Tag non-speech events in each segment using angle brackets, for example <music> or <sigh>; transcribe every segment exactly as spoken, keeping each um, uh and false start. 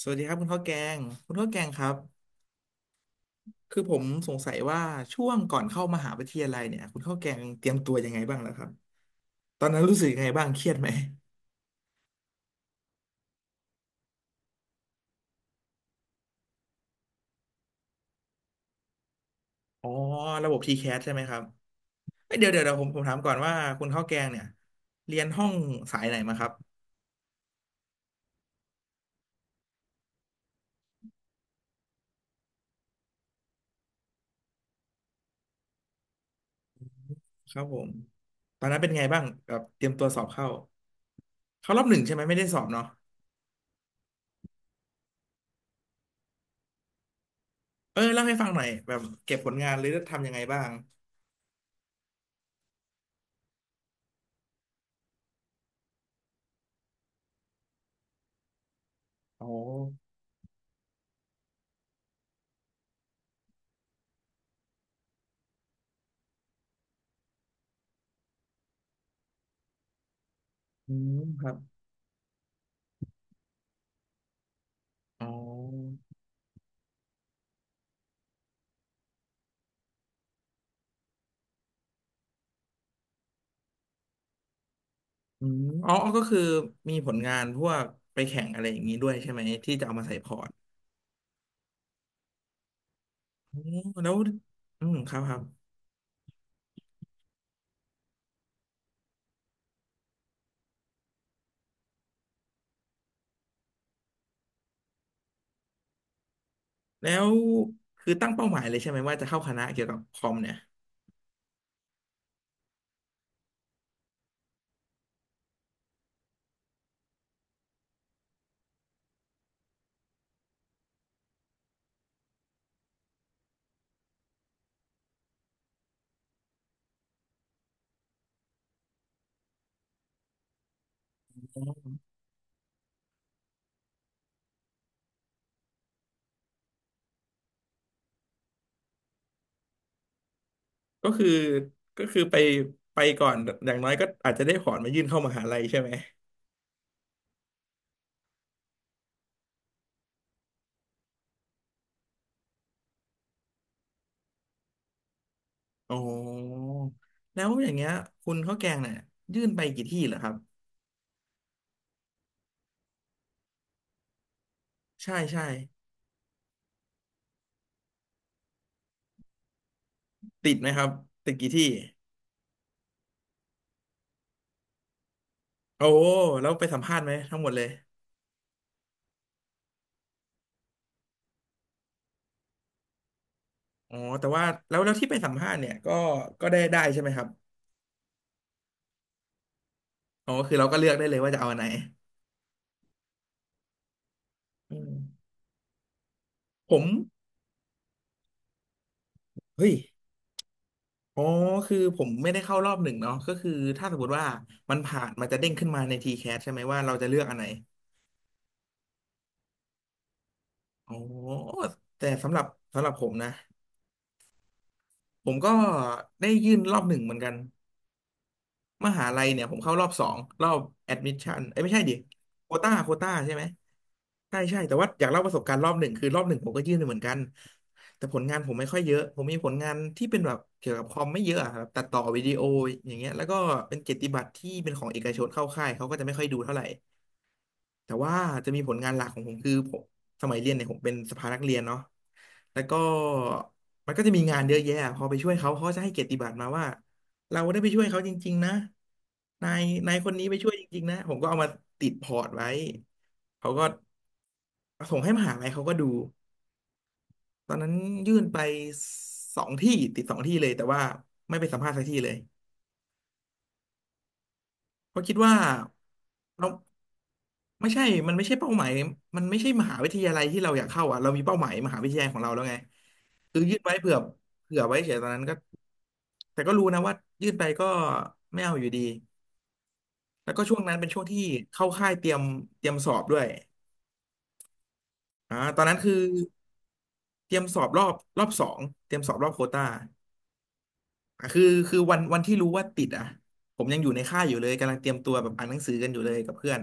สวัสดีครับคุณข้าวแกงคุณข้าวแกงครับคือผมสงสัยว่าช่วงก่อนเข้ามหาวิทยาลัยเนี่ยคุณข้าวแกงเตรียมตัวยังไงบ้างแล้วครับตอนนั้นรู้สึกยังไงบ้างเครียดไหมอ๋อระบบทีแค s ใช่ไหมครับเอ้ยเดี๋ยวเดี๋ยวเดี๋ยวผมผมถามก่อนว่าคุณข้าวแกงเนี่ยเรียนห้องสายไหนมาครับครับผมตอนนั้นเป็นไงบ้างแบบเตรียมตัวสอบเข้าเข้ารอบหนึ่งใช่ไหมไม่ได้สอบเนาะเออเล่าให้ฟังหน่อยแบบเก็บผลงานหรือทำยังไงบ้างอ๋ออืมครับอ๋อ อืมอ๋ออ๋อก็คือมีผลงานพวกไปแข่งอะไรอย่างนี้ด้วยใช่ไหมที่จะเอามาใส่พอร์ตอ๋อแล้วอืมครับครับแล้วคือตั้งเป้าหมายเลยใช่ไหมว่าจะเข้าคณะเกี่ยวกับคอมเนี่ยก็คือก็คือไปไปก่อนอย่างน้อยก็อาจจะได้พอร์ตมายื่นเข้ามหาลัยใช่ไหมอ๋อแล้วอย่างเงี้ยคุณข้าวแกงเนี่ยยื่นไปกี่ที่เหรอครับใช่ใช่ติดไหมครับติดกี่ที่โอ้แล้วไปสัมภาษณ์ไหมทั้งหมดเลย อ๋อแต่ว่าแล้วแล้วที่ไปสัมภาษณ์เนี่ยก็ก็ได้ได้ใช่ไหมครับอ๋อคือเราก็เลือกได้เลยว่าจะเอาอันไหนอืมผมเฮ้ยอ๋อคือผมไม่ได้เข้ารอบหนึ่งเนาะก็คือถ้าสมมติว่ามันผ่านมันจะเด้งขึ้นมาในทีแ a s ใช่ไหมว่าเราจะเลือกอันไหนอ๋อแต่สำหรับสำหรับผมนะผมก็ได้ยื่นรอบหนึ่งเหมือนกัน มหาลัยเนี่ยผมเข้ารอบสองรอบแอดมิชชั่นเอ้ยไม่ใช่ดิโควต้าโควต้าใช่ไหมใช่ใช่แต่ว่าอยากเล่าประสบการณ์รอบหนึ่งคือรอบหนึ่งผมก็ยื่นไปเหมือนกันแต่ผลงานผมไม่ค่อยเยอะผมมีผลงานที่เป็นแบบเกี่ยวกับคอมไม่เยอะอะครับตัดต่อวิดีโออย่างเงี้ยแล้วก็เป็นเกียรติบัตรที่เป็นของเอกชนเข้าค่ายเขาก็จะไม่ค่อยดูเท่าไหร่ แต่ว่าจะมีผลงานหลักของผมคือผมสมัยเรียนเนี่ยผมเป็นสภานักเรียนเนาะแล้วก็มันก็จะมีงานเยอะแยะพอไปช่วยเขาเขาจะให้เกียรติบัตรมาว่าเราได้ไปช่วยเขาจริงๆนะนายนายคนนี้ไปช่วยจริงๆนะผมก็เอามาติดพอร์ตไว้เขาก็ส่งให้มหาลัยเขาก็ดูตอนนั้นยื่นไปสองที่ติดสองที่เลยแต่ว่าไม่ไปสัมภาษณ์สักที่เลยเพราะคิดว่า ไม่ใช่มันไม่ใช่เป้าหมายมันไม่ใช่มหาวิทยาลัยที่เราอยากเข้าอ่ะเรามีเป้าหมายมหาวิทยาลัยของเราแล้วไงคือยื่นไว้เผื่อเผื่อไว้เฉยตอนนั้นก็แต่ก็รู้นะว่ายื่นไปก็ไม่เอาอยู่ดีแล้วก็ช่วงนั้นเป็นช่วงที่เข้าค่ายเตรียมเตรียมสอบด้วยอ่าตอนนั้นคือเตรียมสอบรอบรอบสองเตรียมสอบรอบโควต้าอ่ะคือคือวันวันที่รู้ว่าติดอ่ะผมยังอยู่ในค่ายอยู่เลยกำลังเตรียมตัวแบบอ่านหนังสือกันอยู่เลยกับเพื่อน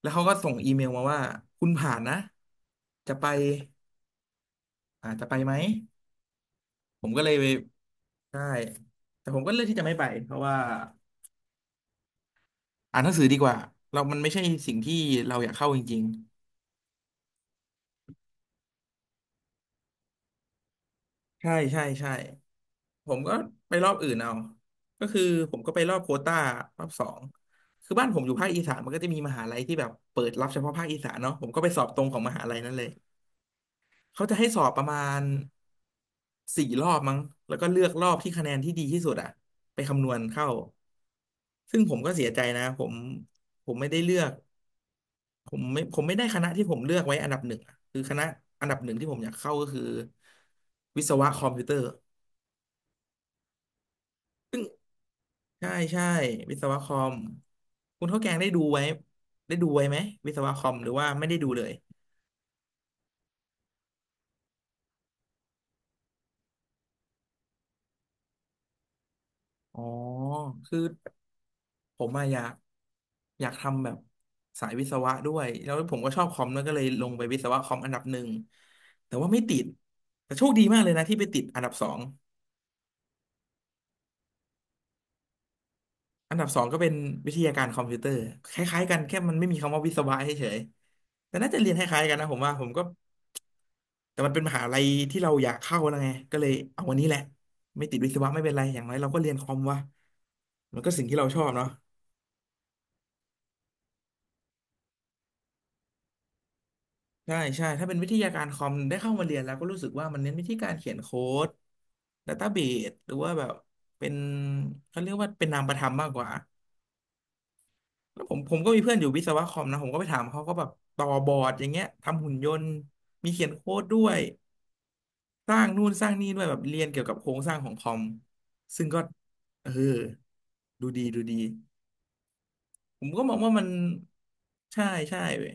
แล้วเขาก็ส่งอีเมลมาว่าคุณผ่านนะจะไป อ่าจะไปไหมผมก็เลยไป่ด้แต่ผมก็เลือกที่จะไม่ไปเพราะว่าอ่านหนังสือดีกว่าเรามันไม่ใช่สิ่งที่เราอยากเข้าจริงๆใช่ใช่ใช่ผมก็ไปรอบอื่นเอาก็คือผมก็ไปรอบโควต้ารอบสองคือบ้านผมอยู่ภาคอีสานมันก็จะมีมหาลัยที่แบบเปิดรับเฉพาะภาคอีสานเนาะผมก็ไปสอบตรงของมหาลัยนั้นเลยเขาจะให้สอบประมาณสี่รอบมั้งแล้วก็เลือกรอบที่คะแนนที่ดีที่สุดอะไปคำนวณเข้าซึ่งผมก็เสียใจนะผมผมไม่ได้เลือก ผมไม่ผมไม่ได้คณะที่ผมเลือกไว้อันดับหนึ่งอะคือคณะอันดับหนึ่งที่ผมอยากเข้าก็คือวิศวะคอมพิวเตอร์ซึ่งใช่ใช่วิศวะคอมคุณข้าวแกงได้ดูไว้ได้ดูไว้ไหมวิศวะคอมหรือว่าไม่ได้ดูเลยอ๋อคือผมอะอยากอยากทำแบบสายวิศวะด้วยแล้วผมก็ชอบคอมแล้วยก็เลยลงไปวิศวะคอมอันดับหนึ่งแต่ว่าไม่ติดแต่โชคดีมากเลยนะที่ไปติดอันดับสอง อันดับสองก็เป็นวิทยาการคอมพิวเตอร์คล้ายๆกันแค่มันไม่มีคำว่าวิศวะเฉยๆแต่น่าจะเรียนคล้ายๆกันนะผมว่าผมก็แต่มันเป็นมหาลัยที่เราอยากเข้าแล้วไงก็เลยเอาวันนี้แหละไม่ติดวิศวะไม่เป็นไรอย่างไรเราก็เรียนคอมวะมันก็สิ่งที่เราชอบเนาะใช่ใช่ถ้าเป็นวิทยาการคอมได้เข้ามาเรียนแล้วก็รู้สึกว่ามันเน้นวิธีการเขียนโค้ดดัตต้าเบสหรือว่าแบบเป็นเขาเรียกว่าเป็นนามประธรรมมากกว่า แล้วผมผมก็มีเพื่อนอยู่วิศวะคอมนะผมก็ไปถามเขาก็แบบต่อบอร์ดอย่างเงี้ยทำหุ่นยนต์มีเขียนโค้ดด้วยสร้างนู่นสร้างนี่ด้วยแบบเรียนเกี่ยวกับโครงสร้างของคอมซึ่งก็เออดูดีดูดีผมก็มองว่ามันใช่ใช่เว้ย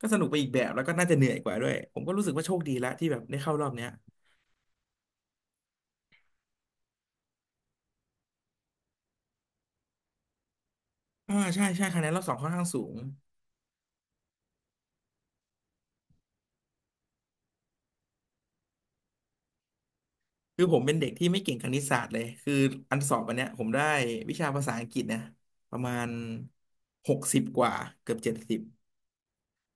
ก็สนุกไปอีกแบบแล้วก็น่าจะเหนื่อยกว่าด้วยผมก็รู้สึกว่าโชคดีแล้วที่แบบได้เข้ารอบเนี้ยอ่าใช่ใช่คะแนนรอบสองค่อนข้างสูง คือผมเป็นเด็กที่ไม่เก่งคณิตศาสตร์เลยคืออันสอบอันเนี้ยผมได้วิชาภาษาอังกฤษเนี่ยประมาณหกสิบกว่าเกือบเจ็ดสิบ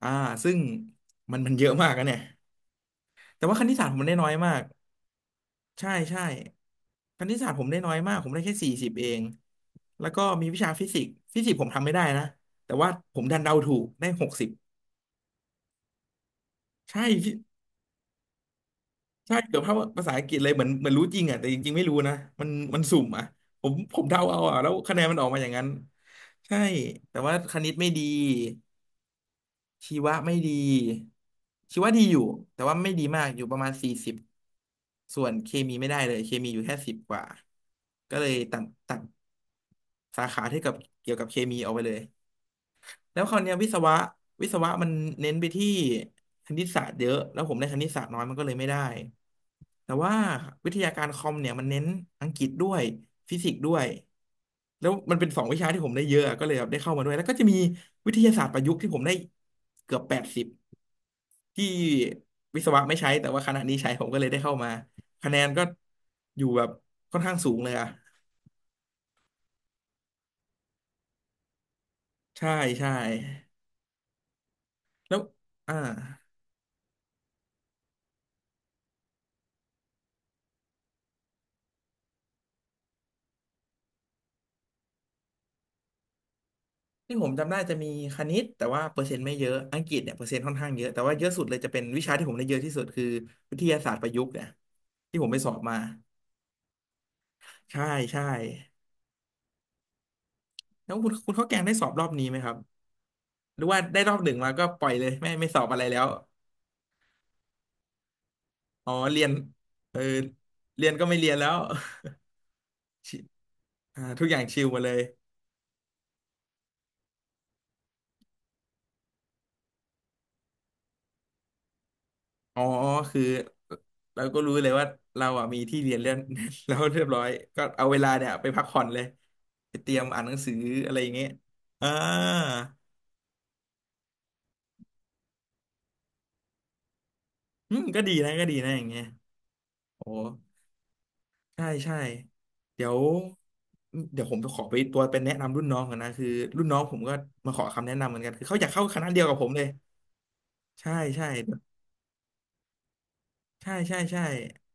อ่าซึ่งมันมันเยอะมากนะเนี่ย แต่ว่าคณิตศาสตร์ผมได้น้อยมากใช่ใช่คณิตศาสตร์ผมได้น้อยมาก ผมได้แค่สี่สิบเองแล้วก็มีวิชาฟิสิกส์ฟิสิกส์ผมทำไม่ได้นะแต่ว่าผมดันเดาถูกได้หกสิบใช่ ใช่เกือบเท่าภาษาอังกฤษเลยเหมือนเหมือนรู้จริงอ่ะแต่จริงๆไม่รู้นะมันมันสุ่มอ่ะผมผมเดาเอาอ่ะแล้วคะแนนมันออกมาอย่างนั้นใช่แต่ว่าคณิตไม่ดีชีวะไม่ดีชีวะดีอยู่แต่ว่าไม่ดีมากอยู่ประมาณสี่สิบส่วนเคมีไม่ได้เลยเคมีอยู่แค่สิบกว่าก็เลยตัดตัดสาขาที่กับเกี่ยวกับเคมีออกไปเลยแล้วคราวเนี้ยวิศวะวิศวะมันเน้นไปที่คณิตศาสตร์เยอะแล้วผมได้คณิตศาสตร์น้อยมันก็เลยไม่ได้ แต่ว่าวิทยาการคอมเนี่ยมันเน้นอังกฤษด้วยฟิสิกส์ด้วยแล้วมันเป็นสองวิชาที่ผมได้เยอะอะก็เลยแบบได้เข้ามาด้วยแล้วก็จะมีวิทยาศาสตร์ประยุกต์ที่ผมได้เกือบแปดสิบที่วิศวะไม่ใช้แต่ว่าคณะนี้ใช้ผมก็เลยได้เข้ามาคะแนนก็อยู่แบบค่อนข้างสูงเลยอะใช่ใช่แล้วอ่าที่ผมจำได้จะมีคณิตแต่ว่าเปอร์เซ็นต์ไม่เยอะอังกฤษเนี่ยเปอร์เซ็นต์ค่อนข้างเยอะแต่ว่าเยอะสุดเลยจะเป็นวิชาที่ผมได้เยอะที่สุดคือวิทยาศาสตร์ประยุกต์เนี่ยที่ผมไปสอบมา ใช่ใช่แล้วคุณคุณข้าวแกงได้สอบรอบนี้ไหมครับหรือว่าได้รอบหนึ่งมาก็ปล่อยเลยไม่ไม่สอบอะไรแล้วอ๋อเรียนเออเรียนก็ไม่เรียนแล้ว <laughs> ชิอ่าทุกอย่างชิลมาเลยอ๋อคือเราก็รู้เลยว่าเราอ่ะมีที่เรียนเรียน <laughs> แล้วเรียบร้อยก็เอาเวลาเนี่ยไปพักผ่อนเลยไปเตรียมอ่านหนังสืออะไรอย่างเงี้ยอ่าอืมก็ดีนะก็ดีนะอย่างเงี้ยโอ้ ใช่ใช่เดี๋ยวเดี๋ยวผมจะขอไปตัวเป็นแนะนำรุ่นน้องกันนะคือรุ่นน้องผมก็มาขอคำแนะนำเหมือนกันคือเขาอยากเข้าคณะเดียวกับผมเลยใช่ใช่ใช่ใช่ใช่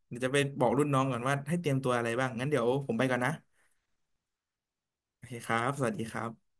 เดี๋ยวจะไปบอกรุ่นน้องก่อนว่าให้เตรียมตัวอะไรบ้างงั้นเดี๋ยวผมไปก่อนนะโอเคครับสวัสดีครับ